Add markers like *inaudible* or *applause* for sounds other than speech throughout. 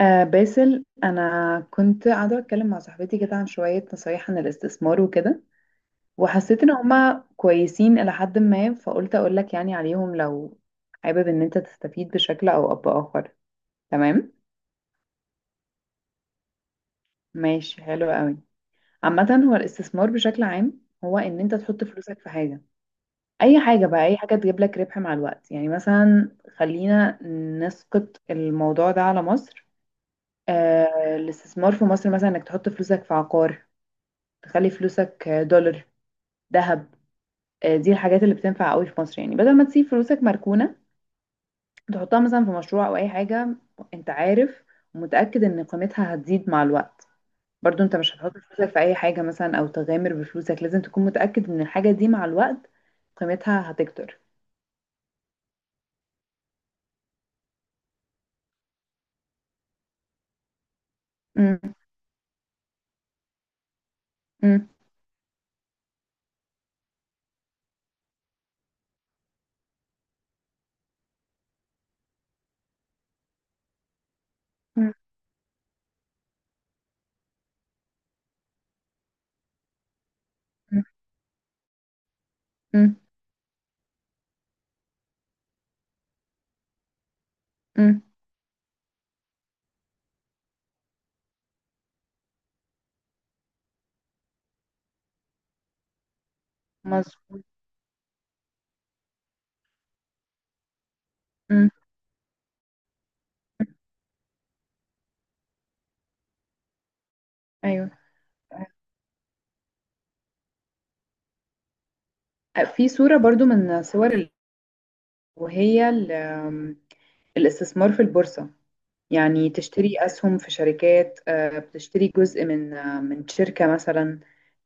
آه باسل، انا كنت قاعده اتكلم مع صاحبتي كده عن شويه نصايح عن الاستثمار وكده. وحسيت ان هما كويسين الى حد ما، فقلت اقول لك يعني عليهم لو حابب ان انت تستفيد بشكل او باخر. تمام. ماشي، حلو قوي. عامه، هو الاستثمار بشكل عام هو ان انت تحط فلوسك في حاجه. اي حاجه بقى، اي حاجه تجيب لك ربح مع الوقت، يعني مثلا خلينا نسقط الموضوع ده على مصر. الاستثمار في مصر مثلا انك تحط فلوسك في عقار، تخلي فلوسك دولار، ذهب. دي الحاجات اللي بتنفع قوي في مصر، يعني بدل ما تسيب فلوسك مركونة تحطها مثلا في مشروع او اي حاجة، انت عارف، ومتأكد ان قيمتها هتزيد مع الوقت. برضو انت مش هتحط فلوسك في اي حاجة مثلا او تغامر بفلوسك، لازم تكون متأكد ان الحاجة دي مع الوقت قيمتها هتكتر. مم. مم. مم. مم. مم. مم. مظبوط. مم. ايوه. في صورة برضو من صور وهي ال- الاستثمار في البورصة. يعني تشتري أسهم في شركات، بتشتري جزء من شركة مثلا.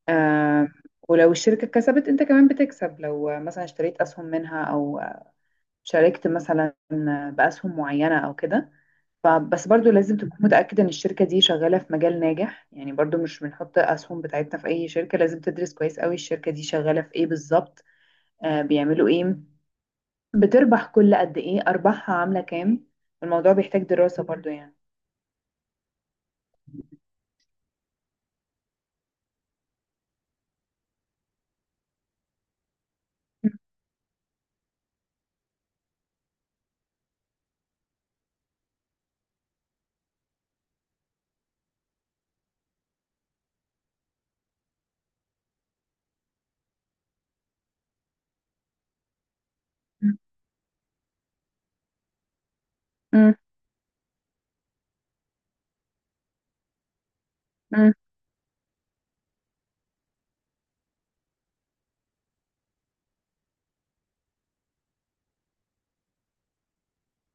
آه، ولو الشركة كسبت أنت كمان بتكسب، لو مثلا اشتريت أسهم منها أو شاركت مثلا بأسهم معينة أو كده. فبس برضو لازم تكون متأكد إن الشركة دي شغالة في مجال ناجح، يعني برضو مش بنحط أسهم بتاعتنا في أي شركة، لازم تدرس كويس قوي الشركة دي شغالة في إيه بالظبط، بيعملوا إيه، بتربح كل قد إيه، أرباحها عاملة كام. الموضوع بيحتاج دراسة برضو يعني. *laughs* مم.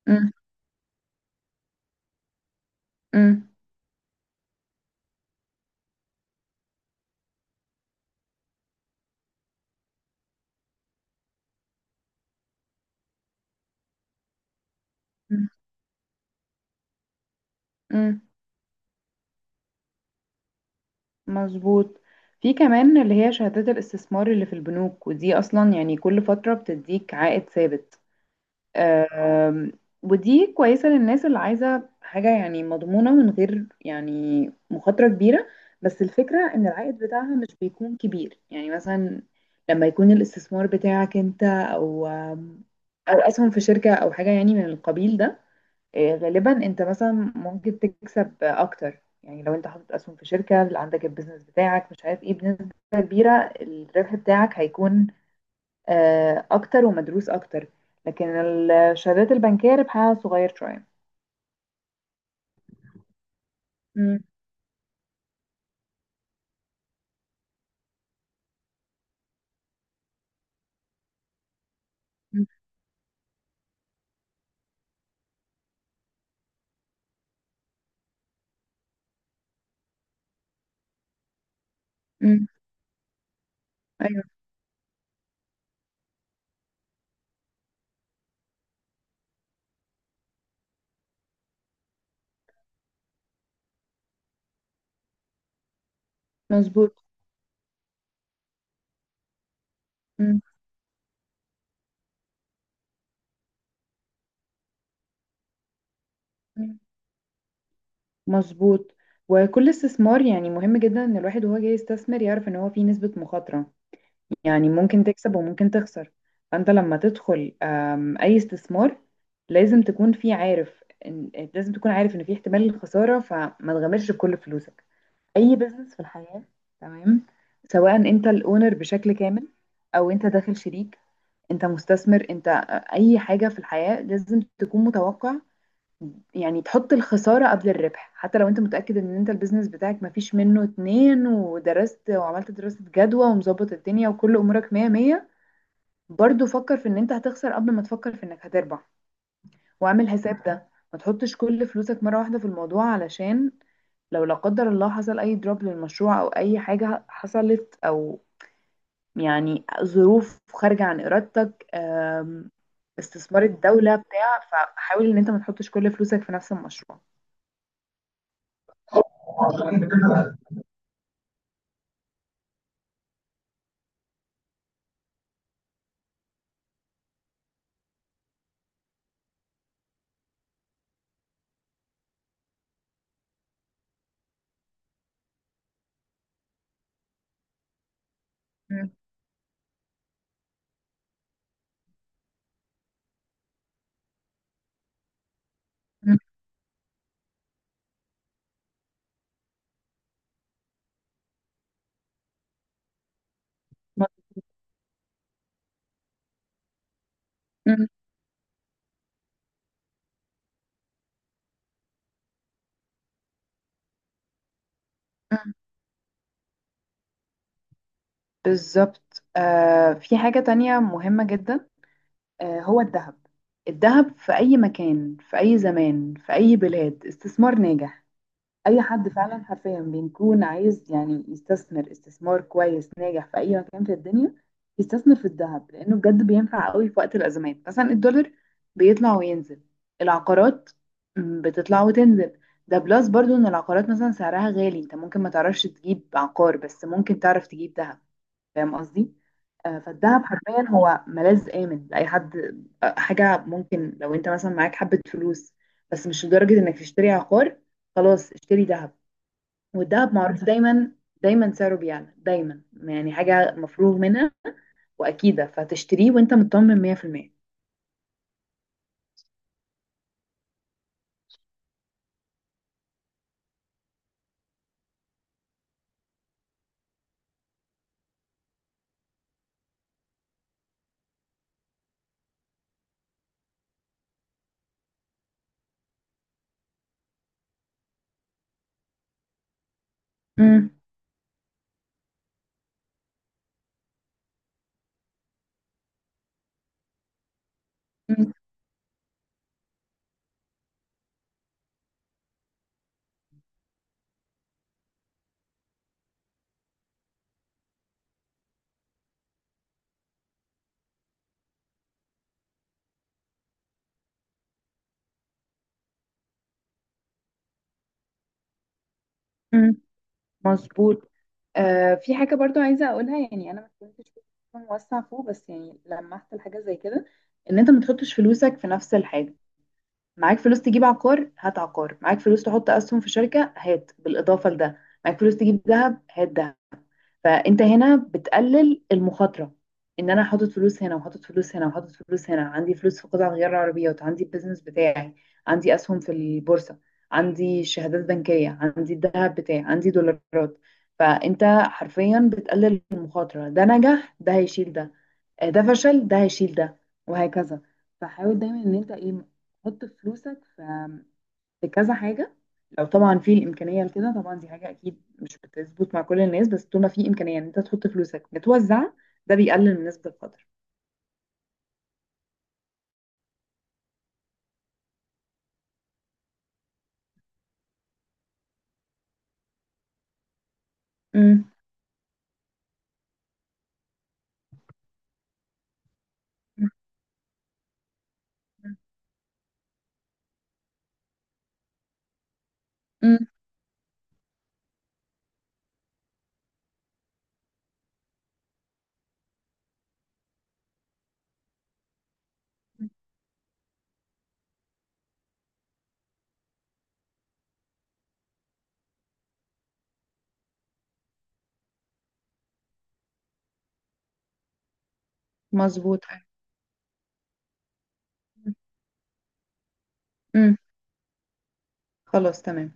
مم. مم. مم. مم. مظبوط. في كمان اللي هي شهادات الاستثمار اللي في البنوك، ودي اصلا يعني كل فترة بتديك عائد ثابت. آم، ودي كويسة للناس اللي عايزة حاجة يعني مضمونة من غير يعني مخاطرة كبيرة. بس الفكرة ان العائد بتاعها مش بيكون كبير، يعني مثلا لما يكون الاستثمار بتاعك انت او اسهم في شركة او حاجة يعني من القبيل ده، غالبا انت مثلا ممكن تكسب اكتر، يعني لو انت حاطط اسهم في شركه اللي عندك البيزنس بتاعك مش عارف ايه بنسبه كبيره، الربح بتاعك هيكون اكتر ومدروس اكتر. لكن الشهادات البنكيه ربحها صغير شويه. مم. مم. مم. ايوه. مظبوط. مم. مم. مظبوط. وكل استثمار يعني مهم جدا ان الواحد وهو جاي يستثمر يعرف ان هو فيه نسبه مخاطره، يعني ممكن تكسب وممكن تخسر. فانت لما تدخل اي استثمار لازم تكون في عارف إن لازم تكون عارف ان في احتمال الخسارة، فما تغامرش بكل فلوسك. اي بزنس في الحياة، تمام، سواء انت الاونر بشكل كامل او انت داخل شريك، انت مستثمر، انت اي حاجة في الحياة لازم تكون متوقع. يعني تحط الخسارة قبل الربح، حتى لو انت متأكد ان انت البيزنس بتاعك مفيش منه اتنين، ودرست وعملت دراسة جدوى ومظبط الدنيا وكل امورك مية مية، برضو فكر في ان انت هتخسر قبل ما تفكر في انك هتربح. واعمل حساب ده، ما تحطش كل فلوسك مرة واحدة في الموضوع، علشان لو لا قدر الله حصل اي دروب للمشروع او اي حاجة حصلت، او يعني ظروف خارجة عن ارادتك استثمار الدولة بتاع، فحاول ان انت ما تحطش كل فلوسك في نفس المشروع. مم. مم. مم. مم. بالظبط. في حاجة تانية مهمة جدا، هو الذهب. الذهب في أي مكان، في أي زمان، في أي بلاد استثمار ناجح. أي حد فعلا حرفيا بيكون عايز يعني يستثمر استثمار كويس ناجح في أي مكان في الدنيا يستثمر في الذهب، لأنه بجد بينفع قوي في وقت الأزمات. مثلا الدولار بيطلع وينزل، العقارات بتطلع وتنزل. ده بلس برضو إن العقارات مثلا سعرها غالي، أنت ممكن ما تعرفش تجيب عقار، بس ممكن تعرف تجيب ذهب. فاهم قصدي؟ فالدهب حرفيا هو ملاذ آمن لأي حد. حاجة ممكن لو انت مثلا معاك حبة فلوس بس مش لدرجة انك تشتري عقار، خلاص اشتري دهب. والدهب معروف دايما، دايما سعره بيعلى، دايما يعني حاجة مفروغ منها وأكيدة، فتشتريه وانت مطمن 100%. امم. امم. مظبوط. في حاجة برضو عايزة أقولها، يعني أنا ما كنتش موسع فوق، بس يعني لمحت لحاجة زي كده. إن أنت ما تحطش فلوسك في نفس الحاجة، معاك فلوس تجيب عقار هات عقار، معاك فلوس تحط اسهم في شركه هات، بالاضافه لده معاك فلوس تجيب ذهب هات ذهب. فانت هنا بتقلل المخاطره، ان انا حاطط فلوس هنا وحاطط فلوس هنا وحاطط فلوس هنا، عندي فلوس في قطع غيار العربيات، عندي البيزنس بتاعي، عندي اسهم في البورصه، عندي شهادات بنكيه، عندي الذهب بتاعي، عندي دولارات. فانت حرفيا بتقلل المخاطره، ده نجح ده هيشيل ده، ده فشل ده هيشيل ده، وهكذا. فحاول دايما ان انت ايه، تحط فلوسك في كذا حاجة. لو طبعا في الإمكانية لكده، طبعا دي حاجة أكيد مش بتظبط مع كل الناس، بس طول ما في إمكانية إن أنت تحط فلوسك بتوزعها، ده بيقلل من نسبة القدر. مم. مم. مظبوط. مم. خلاص تمام.